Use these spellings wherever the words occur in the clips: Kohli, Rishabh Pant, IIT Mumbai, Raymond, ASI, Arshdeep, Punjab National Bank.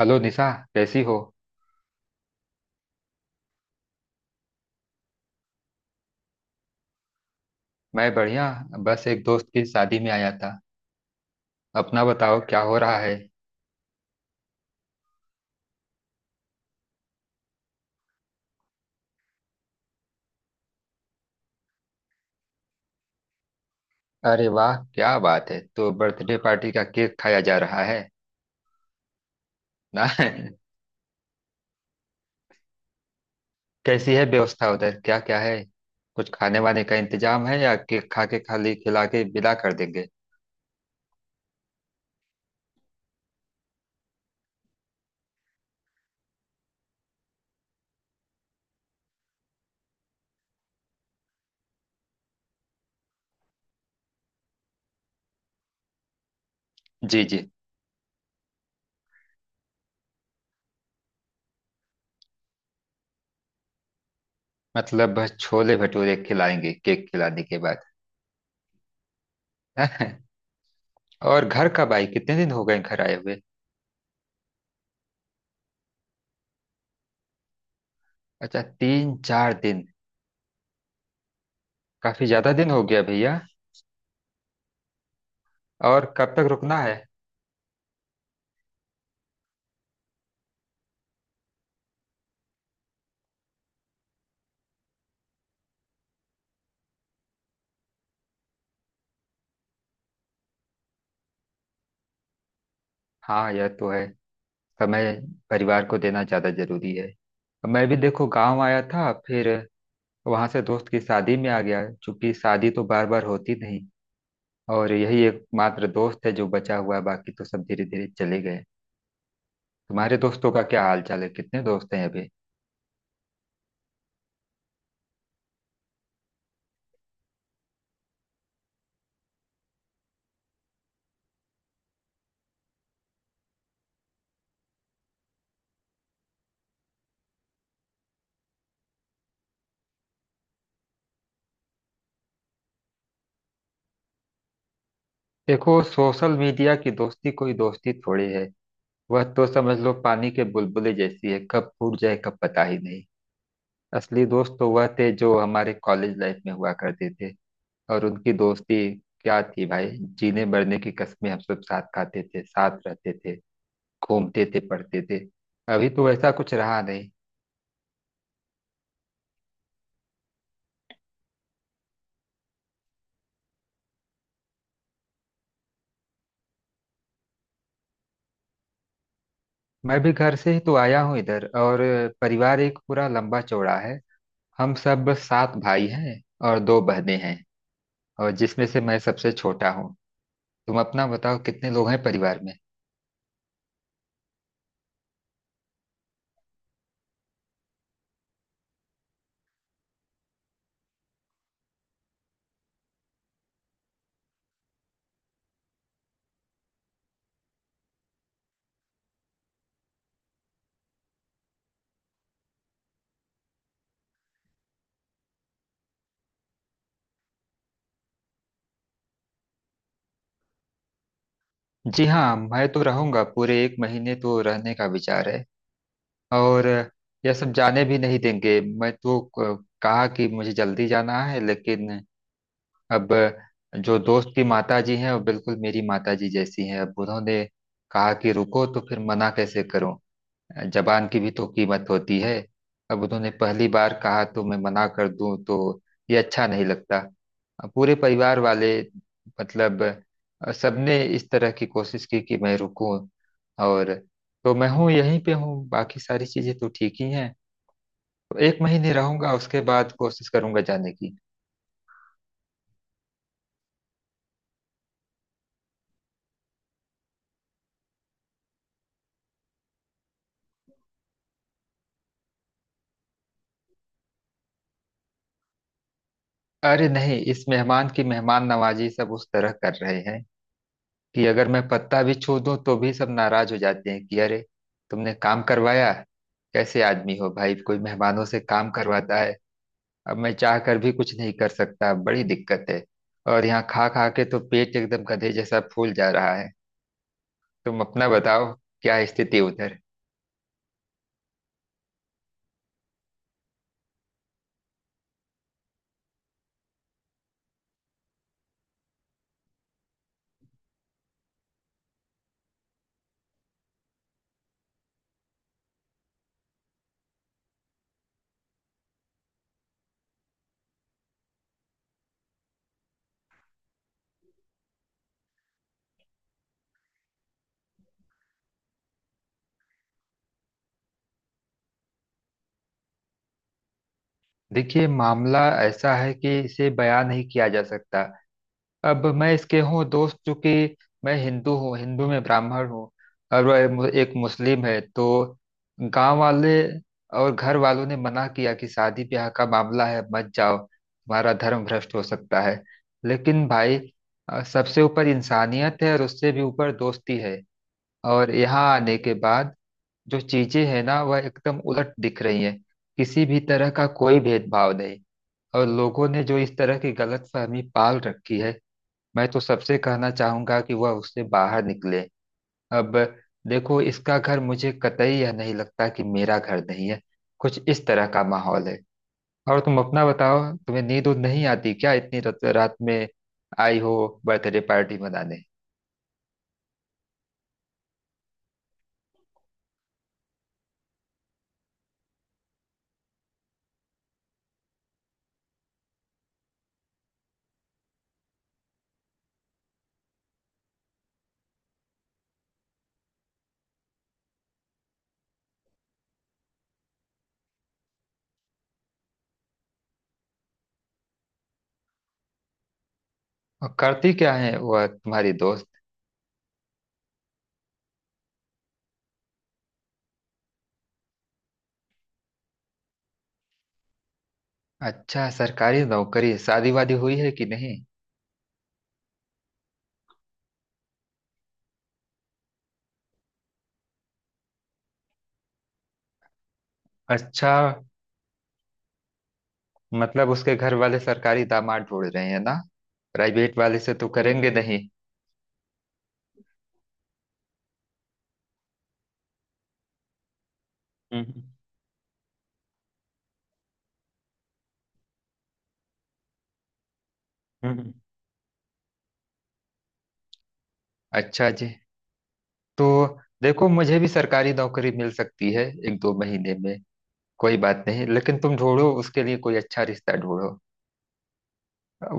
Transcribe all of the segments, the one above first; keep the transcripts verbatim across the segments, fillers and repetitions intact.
Hello Nisha. कैसी हो? मैं बढ़िया। बस एक दोस्त की शादी में आया था। अपना बताओ क्या हो रहा है? अरे वाह क्या बात है! तो बर्थडे पार्टी का केक खाया जा रहा है? ना। कैसी है व्यवस्था उधर, क्या क्या है? कुछ खाने वाने का इंतजाम है या केक खा के खाली खिला के विदा कर देंगे? जी जी। मतलब बस छोले भटूरे खिलाएंगे केक खिलाने के बाद? और घर कब आई, कितने दिन हो गए घर आए हुए? अच्छा तीन चार दिन। काफी ज्यादा दिन हो गया भैया। और कब तक रुकना है? हाँ यह तो है। समय परिवार को देना ज्यादा जरूरी है। मैं भी देखो गांव आया था, फिर वहां से दोस्त की शादी में आ गया, चूंकि शादी तो बार बार होती नहीं। और यही एकमात्र दोस्त है जो बचा हुआ है, बाकी तो सब धीरे धीरे चले गए। तुम्हारे दोस्तों का क्या हाल चाल है, कितने दोस्त हैं अभी? देखो सोशल मीडिया की दोस्ती कोई दोस्ती थोड़ी है। वह तो समझ लो पानी के बुलबुले जैसी है, कब फूट जाए कब पता ही नहीं। असली दोस्त तो वह थे जो हमारे कॉलेज लाइफ में हुआ करते थे। और उनकी दोस्ती क्या थी भाई, जीने मरने की कस्में। हम सब साथ खाते थे, साथ रहते थे, घूमते थे, पढ़ते थे। अभी तो ऐसा कुछ रहा नहीं। मैं भी घर से ही तो आया हूँ इधर। और परिवार एक पूरा लंबा चौड़ा है। हम सब सात भाई हैं और दो बहनें हैं, और जिसमें से मैं सबसे छोटा हूँ। तुम अपना बताओ कितने लोग हैं परिवार में? जी हाँ मैं तो रहूंगा, पूरे एक महीने तो रहने का विचार है। और यह सब जाने भी नहीं देंगे। मैं तो क- कहा कि मुझे जल्दी जाना है, लेकिन अब जो दोस्त की माता जी हैं वो बिल्कुल मेरी माता जी जैसी हैं। अब उन्होंने कहा कि रुको, तो फिर मना कैसे करूं? जबान की भी तो कीमत होती है। अब उन्होंने पहली बार कहा तो मैं मना कर दूं तो ये अच्छा नहीं लगता। अब पूरे परिवार वाले, मतलब, अ, सबने इस तरह की कोशिश की कि मैं रुकूं। और तो मैं हूँ यहीं पे हूँ, बाकी सारी चीजें तो ठीक ही हैं। तो एक महीने रहूंगा, उसके बाद कोशिश करूंगा जाने की। अरे नहीं, इस मेहमान की मेहमान नवाजी सब उस तरह कर रहे हैं कि अगर मैं पत्ता भी छू दूं तो भी सब नाराज हो जाते हैं कि अरे, तुमने काम करवाया, कैसे आदमी हो भाई, कोई मेहमानों से काम करवाता है। अब मैं चाह कर भी कुछ नहीं कर सकता, बड़ी दिक्कत है। और यहाँ खा खा के तो पेट एकदम गधे जैसा फूल जा रहा है। तुम अपना बताओ क्या स्थिति उधर? देखिए मामला ऐसा है कि इसे बयान नहीं किया जा सकता। अब मैं इसके हूँ दोस्त, चूंकि मैं हिंदू हूँ, हिंदू में ब्राह्मण हूँ, और वह मु- एक मुस्लिम है। तो गांव वाले और घर वालों ने मना किया कि शादी ब्याह का मामला है, मत जाओ, तुम्हारा धर्म भ्रष्ट हो सकता है। लेकिन भाई, अ, सबसे ऊपर इंसानियत है और उससे भी ऊपर दोस्ती है। और यहाँ आने के बाद जो चीजें हैं ना वह एकदम उलट दिख रही हैं। किसी भी तरह का कोई भेदभाव नहीं। और लोगों ने जो इस तरह की गलतफहमी पाल रखी है, मैं तो सबसे कहना चाहूंगा कि वह उससे बाहर निकले। अब देखो इसका घर मुझे कतई यह नहीं लगता कि मेरा घर नहीं है, कुछ इस तरह का माहौल है। और तुम अपना बताओ, तुम्हें नींद उद नहीं आती क्या इतनी रत- रात में आई हो बर्थडे पार्टी मनाने? और करती क्या है वह तुम्हारी दोस्त? अच्छा सरकारी नौकरी, शादी वादी हुई है कि नहीं? अच्छा मतलब उसके घर वाले सरकारी दामाद ढूंढ रहे हैं ना, प्राइवेट वाले से तो करेंगे नहीं। हम्म हम्म हम्म। अच्छा जी। तो देखो मुझे भी सरकारी नौकरी मिल सकती है एक दो महीने में, कोई बात नहीं, लेकिन तुम ढूंढो उसके लिए कोई अच्छा रिश्ता ढूंढो।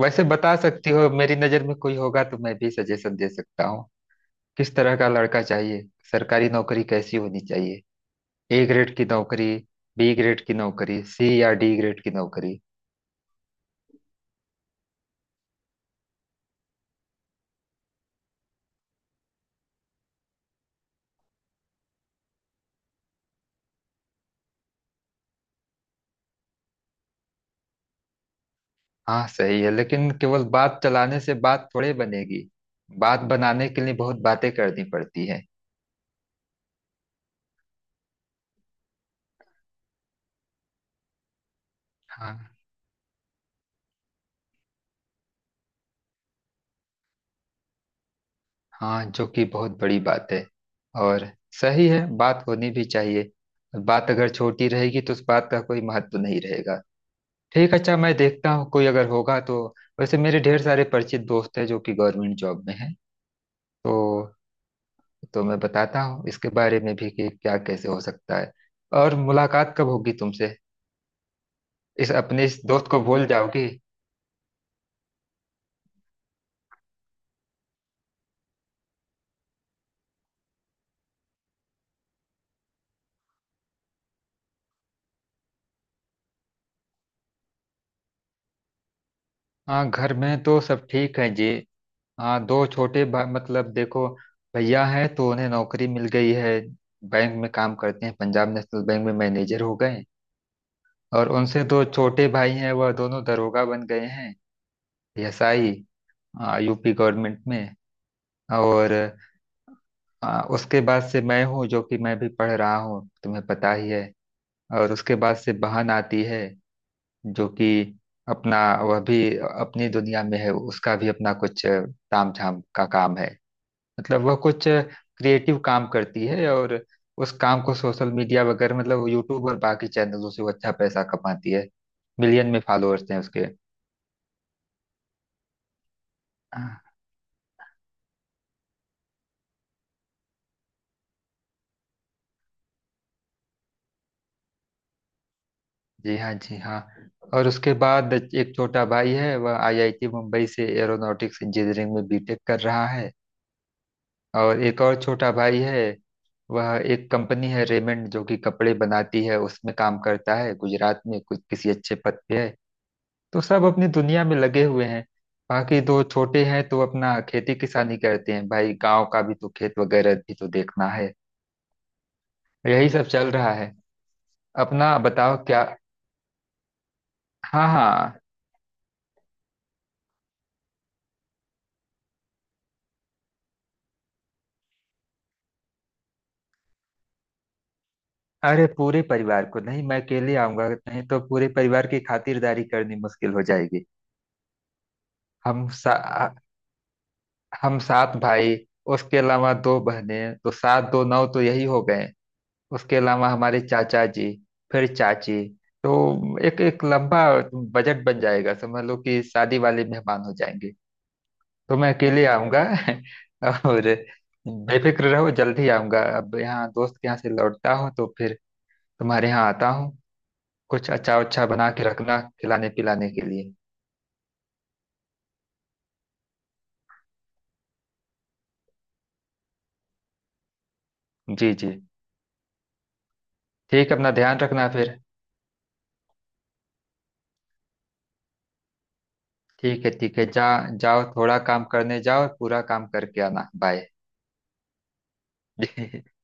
वैसे बता सकती हो, मेरी नजर में कोई होगा तो मैं भी सजेशन दे सकता हूँ। किस तरह का लड़का चाहिए, सरकारी नौकरी कैसी होनी चाहिए? ए ग्रेड की नौकरी, बी ग्रेड की नौकरी, सी या डी ग्रेड की नौकरी? हाँ सही है, लेकिन केवल बात चलाने से बात थोड़े बनेगी। बात बनाने के लिए बहुत बातें करनी पड़ती है। हाँ, जो कि बहुत बड़ी बात है। और सही है, बात होनी भी चाहिए। बात अगर छोटी रहेगी तो उस बात का कोई महत्व नहीं रहेगा। ठीक, अच्छा मैं देखता हूँ कोई अगर होगा तो। वैसे मेरे ढेर सारे परिचित दोस्त हैं जो कि गवर्नमेंट जॉब में हैं। तो तो मैं बताता हूँ इसके बारे में भी कि क्या कैसे हो सकता है। और मुलाकात कब होगी तुमसे? इस अपने इस दोस्त को भूल जाओगी? हाँ घर में तो सब ठीक है जी। हाँ, दो छोटे भा- मतलब देखो, भैया हैं तो उन्हें नौकरी मिल गई है, बैंक में काम करते हैं, पंजाब नेशनल बैंक में मैनेजर हो गए। और उनसे दो छोटे भाई हैं, वह दोनों दरोगा बन गए हैं। A S I, U P government में। और आ, उसके बाद से मैं हूँ, जो कि मैं भी पढ़ रहा हूँ तुम्हें पता ही है। और उसके बाद से बहन आती है, जो कि अपना, वह भी अपनी दुनिया में है, उसका भी अपना कुछ अ, तामझाम का काम है। मतलब वह कुछ क्रिएटिव काम करती है, और उस काम को सोशल मीडिया वगैरह, मतलब यूट्यूब और बाकी चैनलों से वो अच्छा पैसा कमाती है। मिलियन में फॉलोअर्स हैं उसके। हाँ, जी हाँ जी हाँ। और उसके बाद एक छोटा भाई है, वह आई आई टी मुंबई से एरोनॉटिक्स इंजीनियरिंग में बी टेक कर रहा है। और एक और छोटा भाई है, वह एक कंपनी है रेमंड जो कि कपड़े बनाती है, उसमें काम करता है, गुजरात में कुछ किसी अच्छे पद पे है। तो सब अपनी दुनिया में लगे हुए हैं। बाकी दो छोटे हैं तो अपना खेती किसानी करते हैं, भाई गांव का भी तो खेत वगैरह भी तो देखना है। यही सब चल रहा है। अपना बताओ क्या? हाँ हाँ। अरे पूरे परिवार को नहीं, मैं अकेले आऊंगा, नहीं तो पूरे परिवार की खातिरदारी करनी मुश्किल हो जाएगी। हम सा, हम सात भाई, उसके अलावा दो बहनें, तो सात दो नौ तो यही हो गए। उसके अलावा हमारे चाचा जी, फिर चाची, तो एक एक लंबा बजट बन जाएगा, समझ लो कि शादी वाले मेहमान हो जाएंगे। तो मैं अकेले आऊंगा। और बेफिक्र रहो, जल्दी आऊंगा। अब यहाँ दोस्त के यहाँ से लौटता हूँ तो फिर तुम्हारे यहाँ आता हूँ। कुछ अच्छा अच्छा बना के रखना खिलाने पिलाने के लिए। जी जी। ठीक है, अपना ध्यान रखना फिर। ठीक है ठीक है जा। जाओ थोड़ा काम करने जाओ, पूरा काम करके आना। बाय। जी।